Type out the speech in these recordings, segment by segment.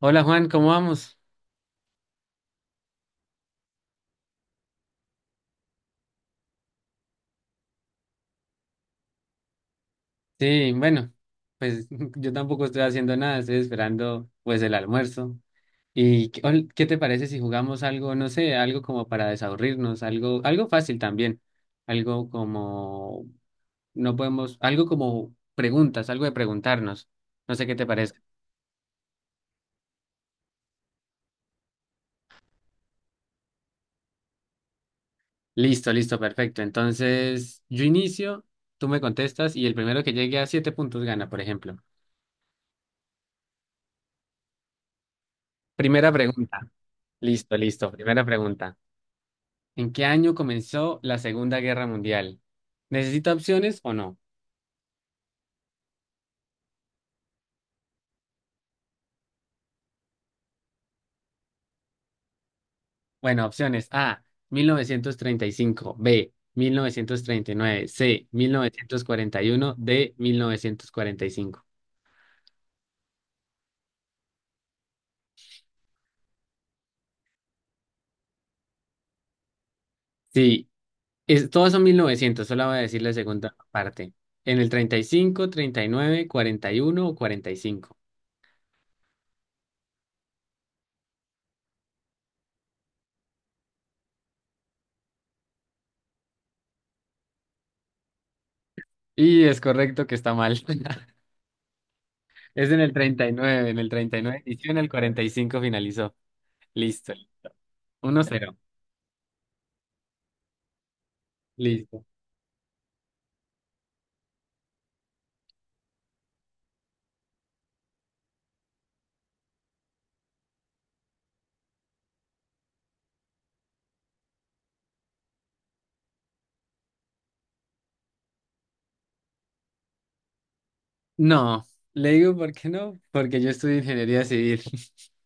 Hola Juan, ¿cómo vamos? Sí, bueno, pues yo tampoco estoy haciendo nada, estoy esperando pues el almuerzo. ¿Y qué te parece si jugamos algo? No sé, algo como para desaburrirnos, algo fácil también, algo como, no podemos, algo como preguntas, algo de preguntarnos, no sé qué te parece. Listo, listo, perfecto. Entonces, yo inicio, tú me contestas y el primero que llegue a siete puntos gana, por ejemplo. Primera pregunta. Listo, listo, primera pregunta. ¿En qué año comenzó la Segunda Guerra Mundial? ¿Necesita opciones o no? Bueno, opciones A, 1935, B, 1939, C, 1941, D, 1945. Sí, todos son 1900, solo voy a decir la segunda parte. En el 35, 39, 41 o 45. Y cinco. Y es correcto que está mal. Es en el 39. En el 39 inició, en el 45 finalizó. Listo. 1-0. Listo. No, le digo por qué no, porque yo estudio ingeniería civil.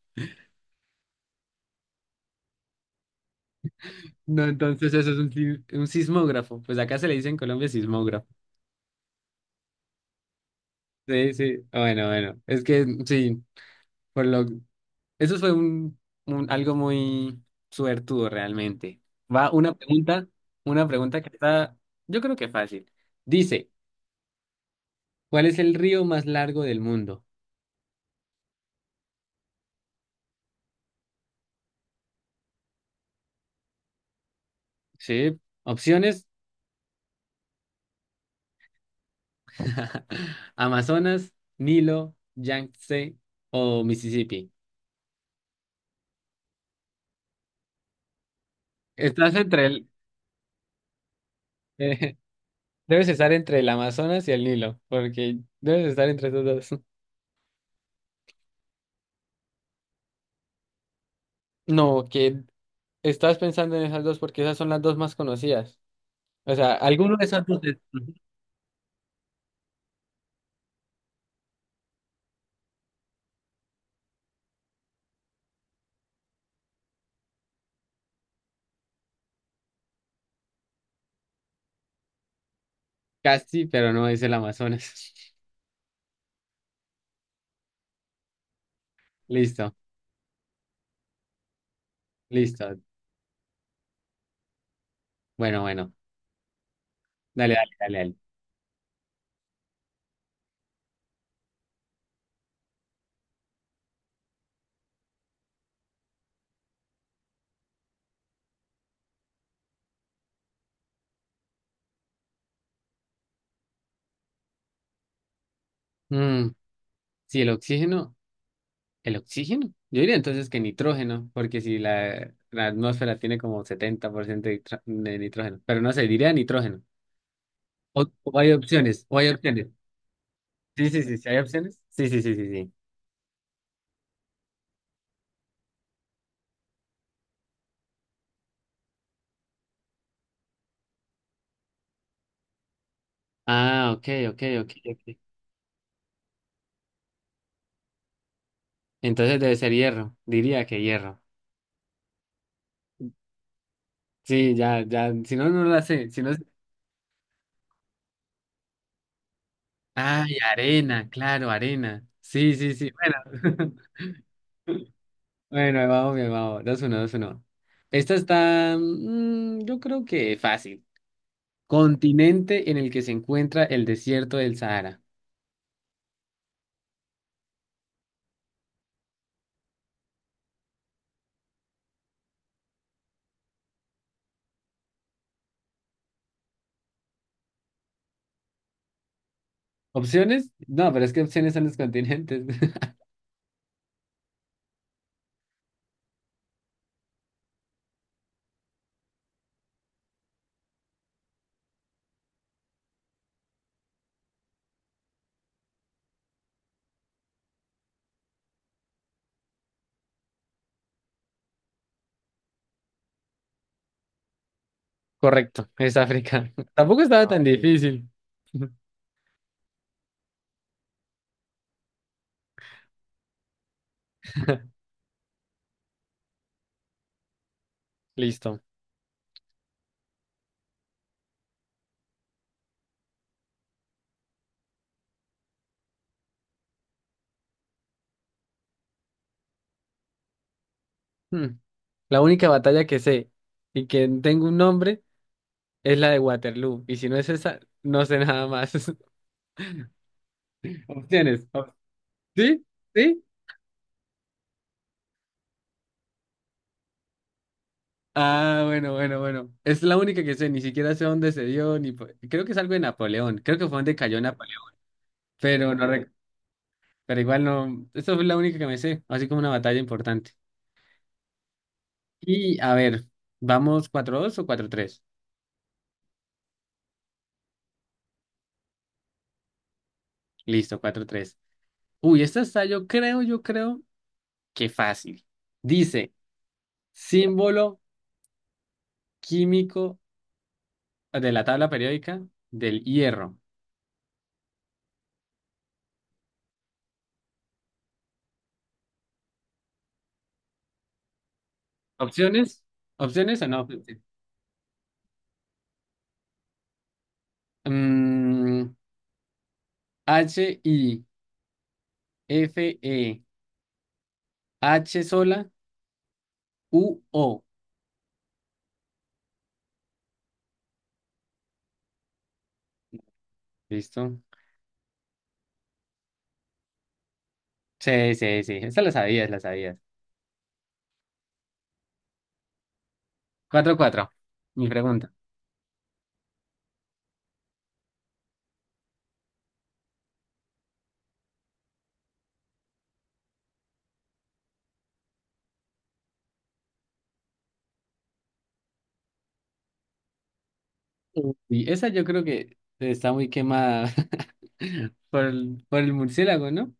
No, entonces eso es un, si- un sismógrafo. Pues acá se le dice en Colombia sismógrafo. Sí, sí. Ah, bueno, bueno. Es que sí, por lo eso fue algo muy suertudo realmente. Va una pregunta que está, yo creo que fácil. Dice, ¿cuál es el río más largo del mundo? Sí, opciones: Amazonas, Nilo, Yangtze o Mississippi. Estás entre el... eh, Debes estar entre el Amazonas y el Nilo, porque debes estar entre esos dos. No, que estás pensando en esas dos porque esas son las dos más conocidas. O sea, alguno de esos dos. Casi, pero no es el Amazonas. Listo, listo. Bueno, bueno. Dale, dale, dale, dale. Mm, si el oxígeno, yo diría entonces que nitrógeno, porque si la atmósfera tiene como 70% de nitrógeno, pero no sé, diría nitrógeno. O hay opciones. Sí, sí, sí, sí, ¿hay opciones? Sí, sí, sí, sí, sí. Ah, ok, ok, ok, ok. Entonces debe ser hierro, diría que hierro. Sí, ya, ya, si no, no la sé, si no... Ay, arena, claro, arena. Sí, sí, sí, bueno. Bueno, ahí vamos, bien, vamos, 2-1, 2-1. Esta está, yo creo que fácil. Continente en el que se encuentra el desierto del Sahara. ¿Opciones? No, pero es que opciones son los continentes. Correcto, es África. Tampoco estaba, ah, tan ok, difícil. Listo. Hmm, La única batalla que sé y que tengo un nombre es la de Waterloo. Y si no es esa, no sé nada más. Opciones. ¿Sí? ¿Sí? Ah, bueno, bueno, bueno. Es la única que sé. Ni siquiera sé dónde se dio. Ni... po- Creo que es algo de Napoleón. Creo que fue donde cayó Napoleón. Pero no rec- Pero igual no. Esta fue la única que me sé. Así como una batalla importante. Y a ver, vamos 4-2 o 4-3. Listo, 4-3. Uy, esta está, yo creo que fácil. Dice. Símbolo químico de la tabla periódica del hierro. ¿Opciones? ¿Opciones o no? Mm, H, I, F, E, H sola, U, O. ¿Listo? Sí, sí, sí. Esa la sabías, la sabías. 4-4. Mi pregunta. Y esa yo creo que está muy quemada por el murciélago, ¿no?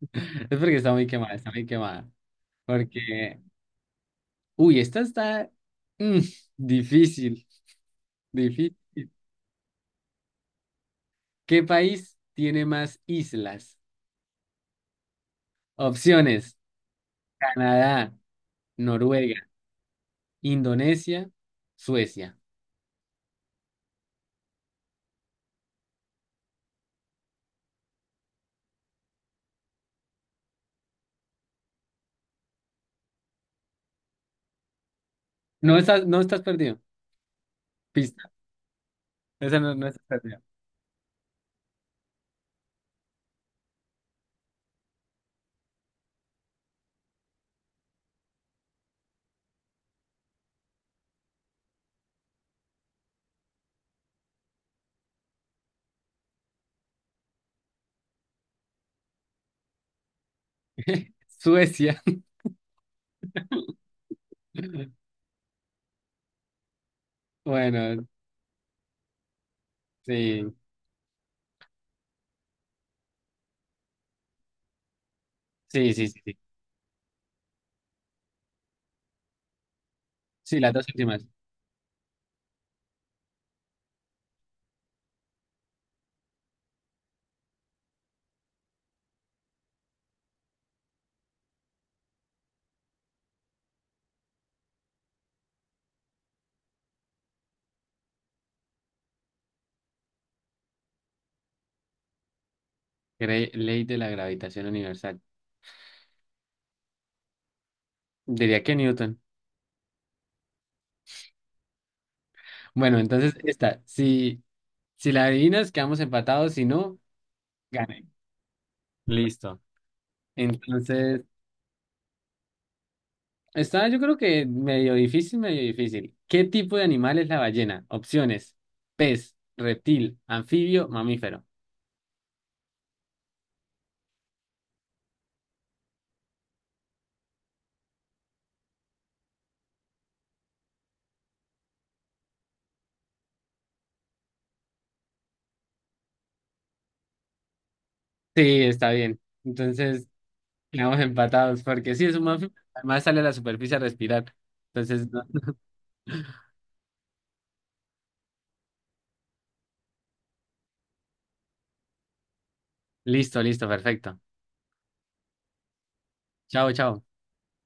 Es porque está muy quemada, está muy quemada. Porque, uy, esta está mm, difícil, difícil. ¿Qué país tiene más islas? Opciones: Canadá, Noruega, Indonesia, Suecia. No estás, no estás perdido. Pista. Esa no, no estás perdido. Suecia. Bueno, sí. Sí, sí, sí, sí. Sí, las dos últimas. Ley de la gravitación universal. Diría que Newton. Bueno, entonces esta. Si, si la adivinas, quedamos empatados. Si no, gané. Listo. Entonces. Está, yo creo que medio difícil, medio difícil. ¿Qué tipo de animal es la ballena? Opciones: pez, reptil, anfibio, mamífero. Sí, está bien. Entonces, quedamos empatados, porque sí es un mamífero. Además, sale a la superficie a respirar. Entonces, no. Listo, listo, perfecto. Chao, chao.